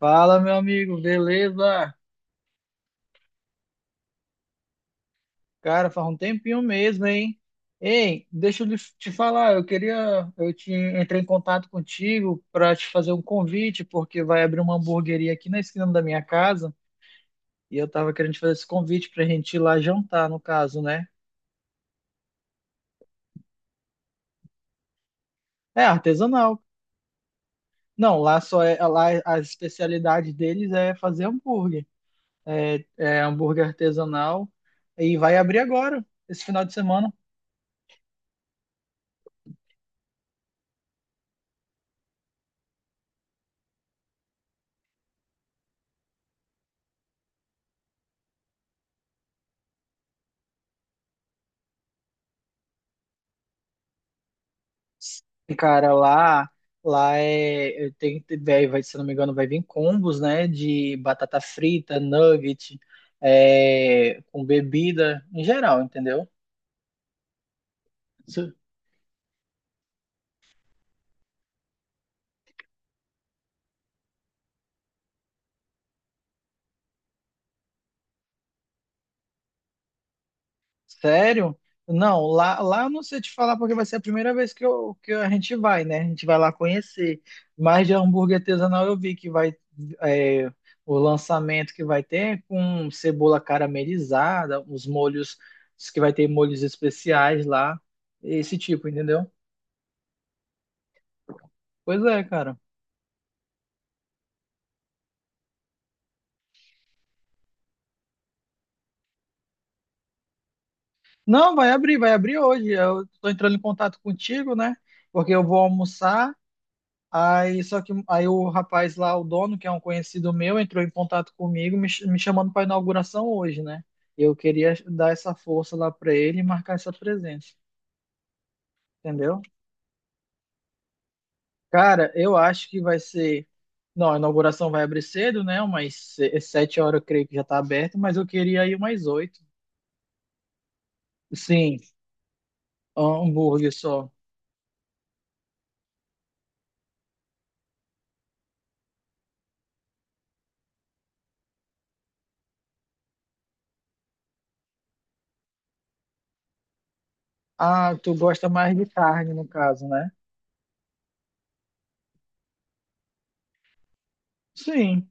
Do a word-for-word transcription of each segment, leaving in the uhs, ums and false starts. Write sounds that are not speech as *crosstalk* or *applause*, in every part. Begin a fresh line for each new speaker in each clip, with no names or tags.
Fala, meu amigo, beleza? Cara, faz um tempinho mesmo, hein? Ei, deixa eu lhe- te falar, eu queria, eu te entrei em contato contigo para te fazer um convite, porque vai abrir uma hamburgueria aqui na esquina da minha casa, e eu tava querendo te fazer esse convite pra gente ir lá jantar, no caso, né? É artesanal. Não, lá só é, lá a especialidade deles é fazer hambúrguer. É, é hambúrguer artesanal e vai abrir agora, esse final de semana. Cara, lá, lá é, eu tenho vai, vai- se não me engano, vai vir combos, né, de batata frita, nugget, é, com bebida, em geral, entendeu? Sério? Não, lá, lá eu não sei te falar porque vai ser a primeira vez que, eu, que a gente vai, né? A gente vai lá conhecer. Mas de hambúrguer artesanal eu vi que vai, é, o lançamento que vai ter é com cebola caramelizada, os molhos, diz que vai ter molhos especiais lá, esse tipo, entendeu? Pois é, cara. Não, vai abrir, vai abrir hoje. Eu tô entrando em contato contigo, né? Porque eu vou almoçar. Aí, só que aí o rapaz lá, o dono, que é um conhecido meu, entrou em contato comigo, me, ch- me chamando para inauguração hoje, né? Eu queria dar essa força lá para ele e marcar essa presença, entendeu? Cara, eu acho que vai ser. Não, a inauguração vai abrir cedo, né? Umas se- sete horas, eu creio que já tá aberto, mas eu queria ir umas oito. Sim, hambúrguer só. Ah, tu gosta mais de carne, no caso, né? Sim.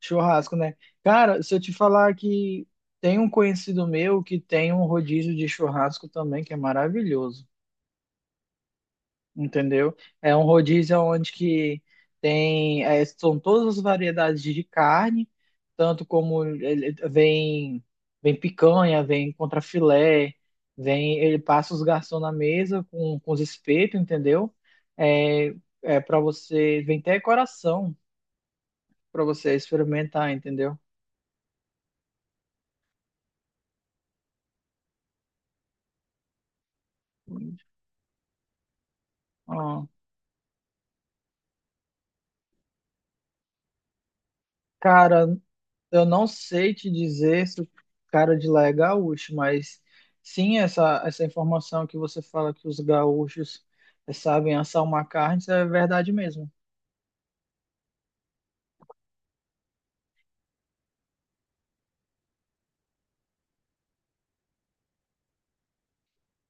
Churrasco, né? Cara, se eu te falar que tem um conhecido meu que tem um rodízio de churrasco também, que é maravilhoso, entendeu? É um rodízio onde que tem, é, são todas as variedades de carne, tanto como ele- vem, vem picanha, vem contrafilé, vem, ele passa os garçons na mesa com, com os espetos, entendeu? É, é para você, vem até coração para você experimentar, entendeu? Ah. Cara, eu não sei te dizer se o cara de lá é gaúcho, mas sim, essa, essa informação que você fala que os gaúchos, eh, sabem assar uma carne, isso é verdade mesmo.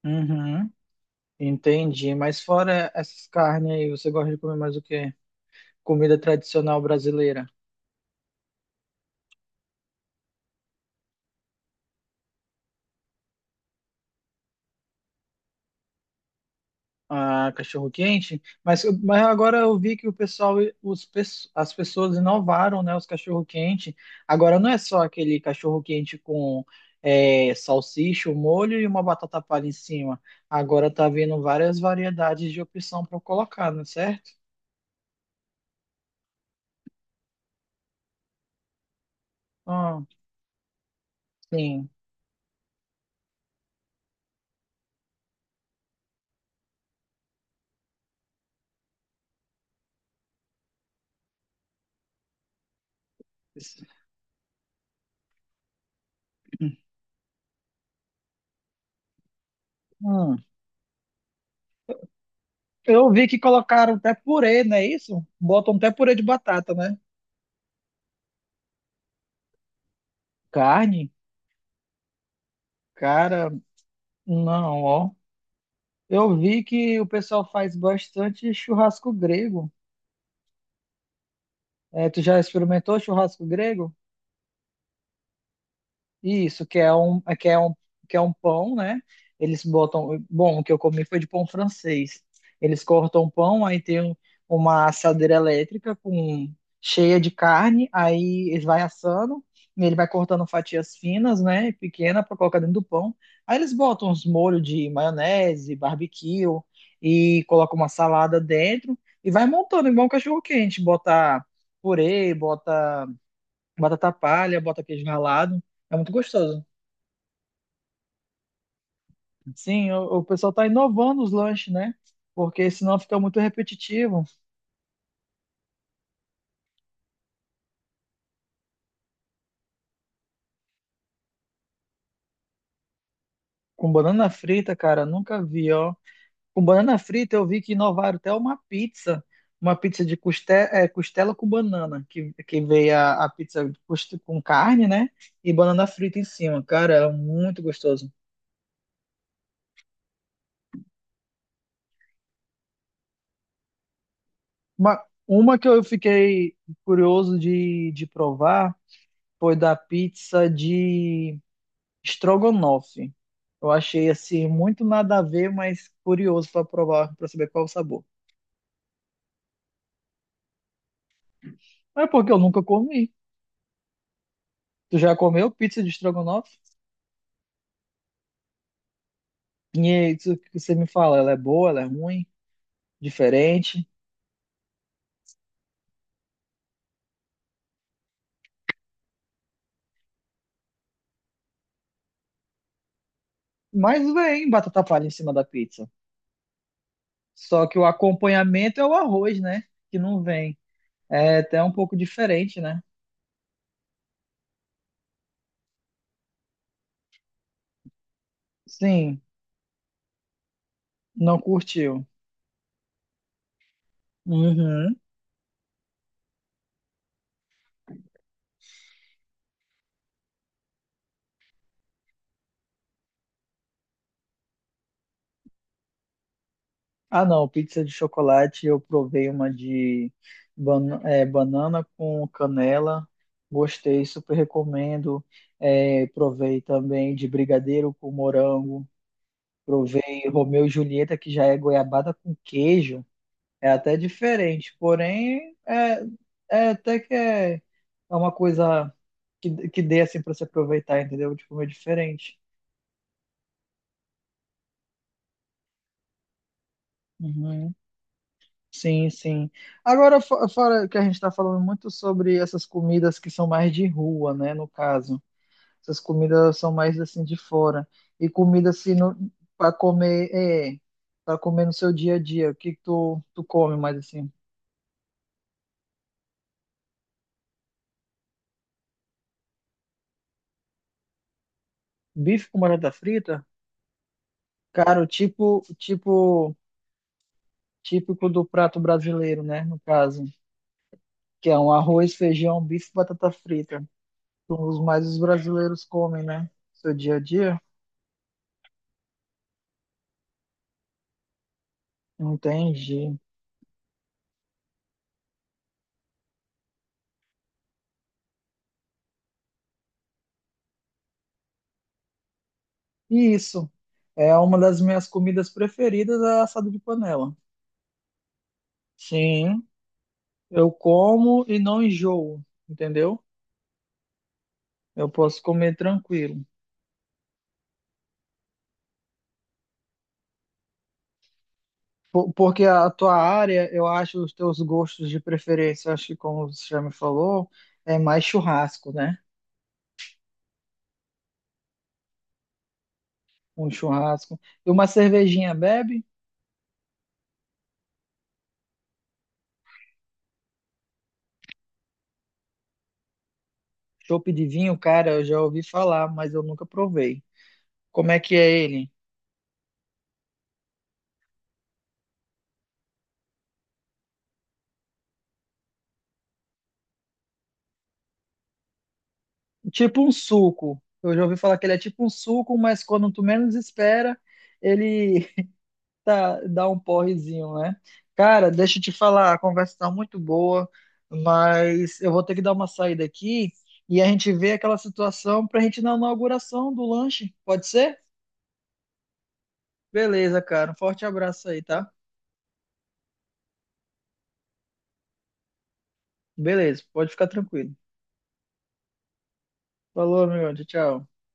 Uhum, entendi. Mas fora essas carnes aí, você gosta de comer mais o quê? Comida tradicional brasileira. A cachorro-quente, mas, mas agora eu vi que o pessoal, os, pesso- as pessoas inovaram, né, os cachorro-quente. Agora não é só aquele cachorro-quente com, é, salsicha, o molho e uma batata palha em cima. Agora tá vindo várias variedades de opção para colocar, não é certo? Ah, sim. Hum. Eu vi que colocaram até purê, não é isso? Botam até purê de batata, né? Carne? Cara, não, ó. Eu vi que o pessoal faz bastante churrasco grego. É, tu já experimentou churrasco grego? Isso, que é um, que é um, que é um pão, né? Eles botam. Bom, o que eu comi foi de pão francês. Eles cortam o pão, aí tem um- uma assadeira elétrica com, cheia de carne, aí eles vai assando, e ele vai cortando fatias finas, né? Pequena para colocar dentro do pão. Aí eles botam uns molhos de maionese, barbecue e colocam uma salada dentro e vai montando igual um cachorro quente, bota purê, bota batata palha, bota queijo ralado. É muito gostoso. Sim, o, o pessoal tá inovando os lanches, né? Porque senão fica muito repetitivo. Com banana frita, cara, nunca vi, ó. Com banana frita eu vi que inovaram até uma pizza. Uma pizza de custe, é, costela com banana, que, que veio a, a pizza de cost- com carne, né? E banana frita em cima. Cara, era muito gostoso. Uma, uma que eu fiquei curioso de, de provar foi da pizza de estrogonofe. Eu achei assim muito nada a ver, mas curioso para provar, para saber qual o sabor. Mas é porque eu nunca comi. Tu já comeu pizza de estrogonofe? E é isso que você me fala, ela é boa, ela é ruim, diferente. Mas vem batata palha em cima da pizza. Só que o acompanhamento é o arroz, né? Que não vem. É até um pouco diferente, né? Sim, não curtiu. Uhum. Ah, não, pizza de chocolate eu provei uma de bana- é, banana com canela, gostei, super recomendo. É, provei também de brigadeiro com morango, provei Romeu e Julieta, que já é goiabada com queijo, é até diferente, porém é, é até que é, é uma coisa que, que dê assim para se aproveitar, entendeu? De comer diferente. Uhum. Sim, sim. Agora, fo- fora que a gente está falando muito sobre essas comidas que são mais de rua, né? No caso, essas comidas são mais assim de fora. E comida assim para comer, é, para comer no seu dia a dia. O que que tu, tu come mais assim? Bife com batata frita? Cara, o tipo, tipo, típico do prato brasileiro, né? No caso, que é um arroz, feijão, bife, e batata frita. Os mais os brasileiros comem, né? Seu dia a dia. Entendi. E isso é uma das minhas comidas preferidas, é assado de panela. Sim, eu como e não enjoo, entendeu? Eu posso comer tranquilo. Po- Porque a tua área, eu acho os teus gostos de preferência, acho que como você já me falou, é mais churrasco, né? Um churrasco. E uma cervejinha bebe? Chopp de vinho, cara, eu já ouvi falar, mas eu nunca provei. Como é que é ele? Tipo um suco. Eu já ouvi falar que ele é tipo um suco, mas quando tu menos espera, ele *laughs* tá, dá um porrezinho, né? Cara, deixa eu te falar, a conversa tá muito boa, mas eu vou ter que dar uma saída aqui e a gente vê aquela situação pra gente ir na inauguração do lanche. Pode ser? Beleza, cara. Um forte abraço aí, tá? Beleza, pode ficar tranquilo. Falou, meu. Tchau, tchau.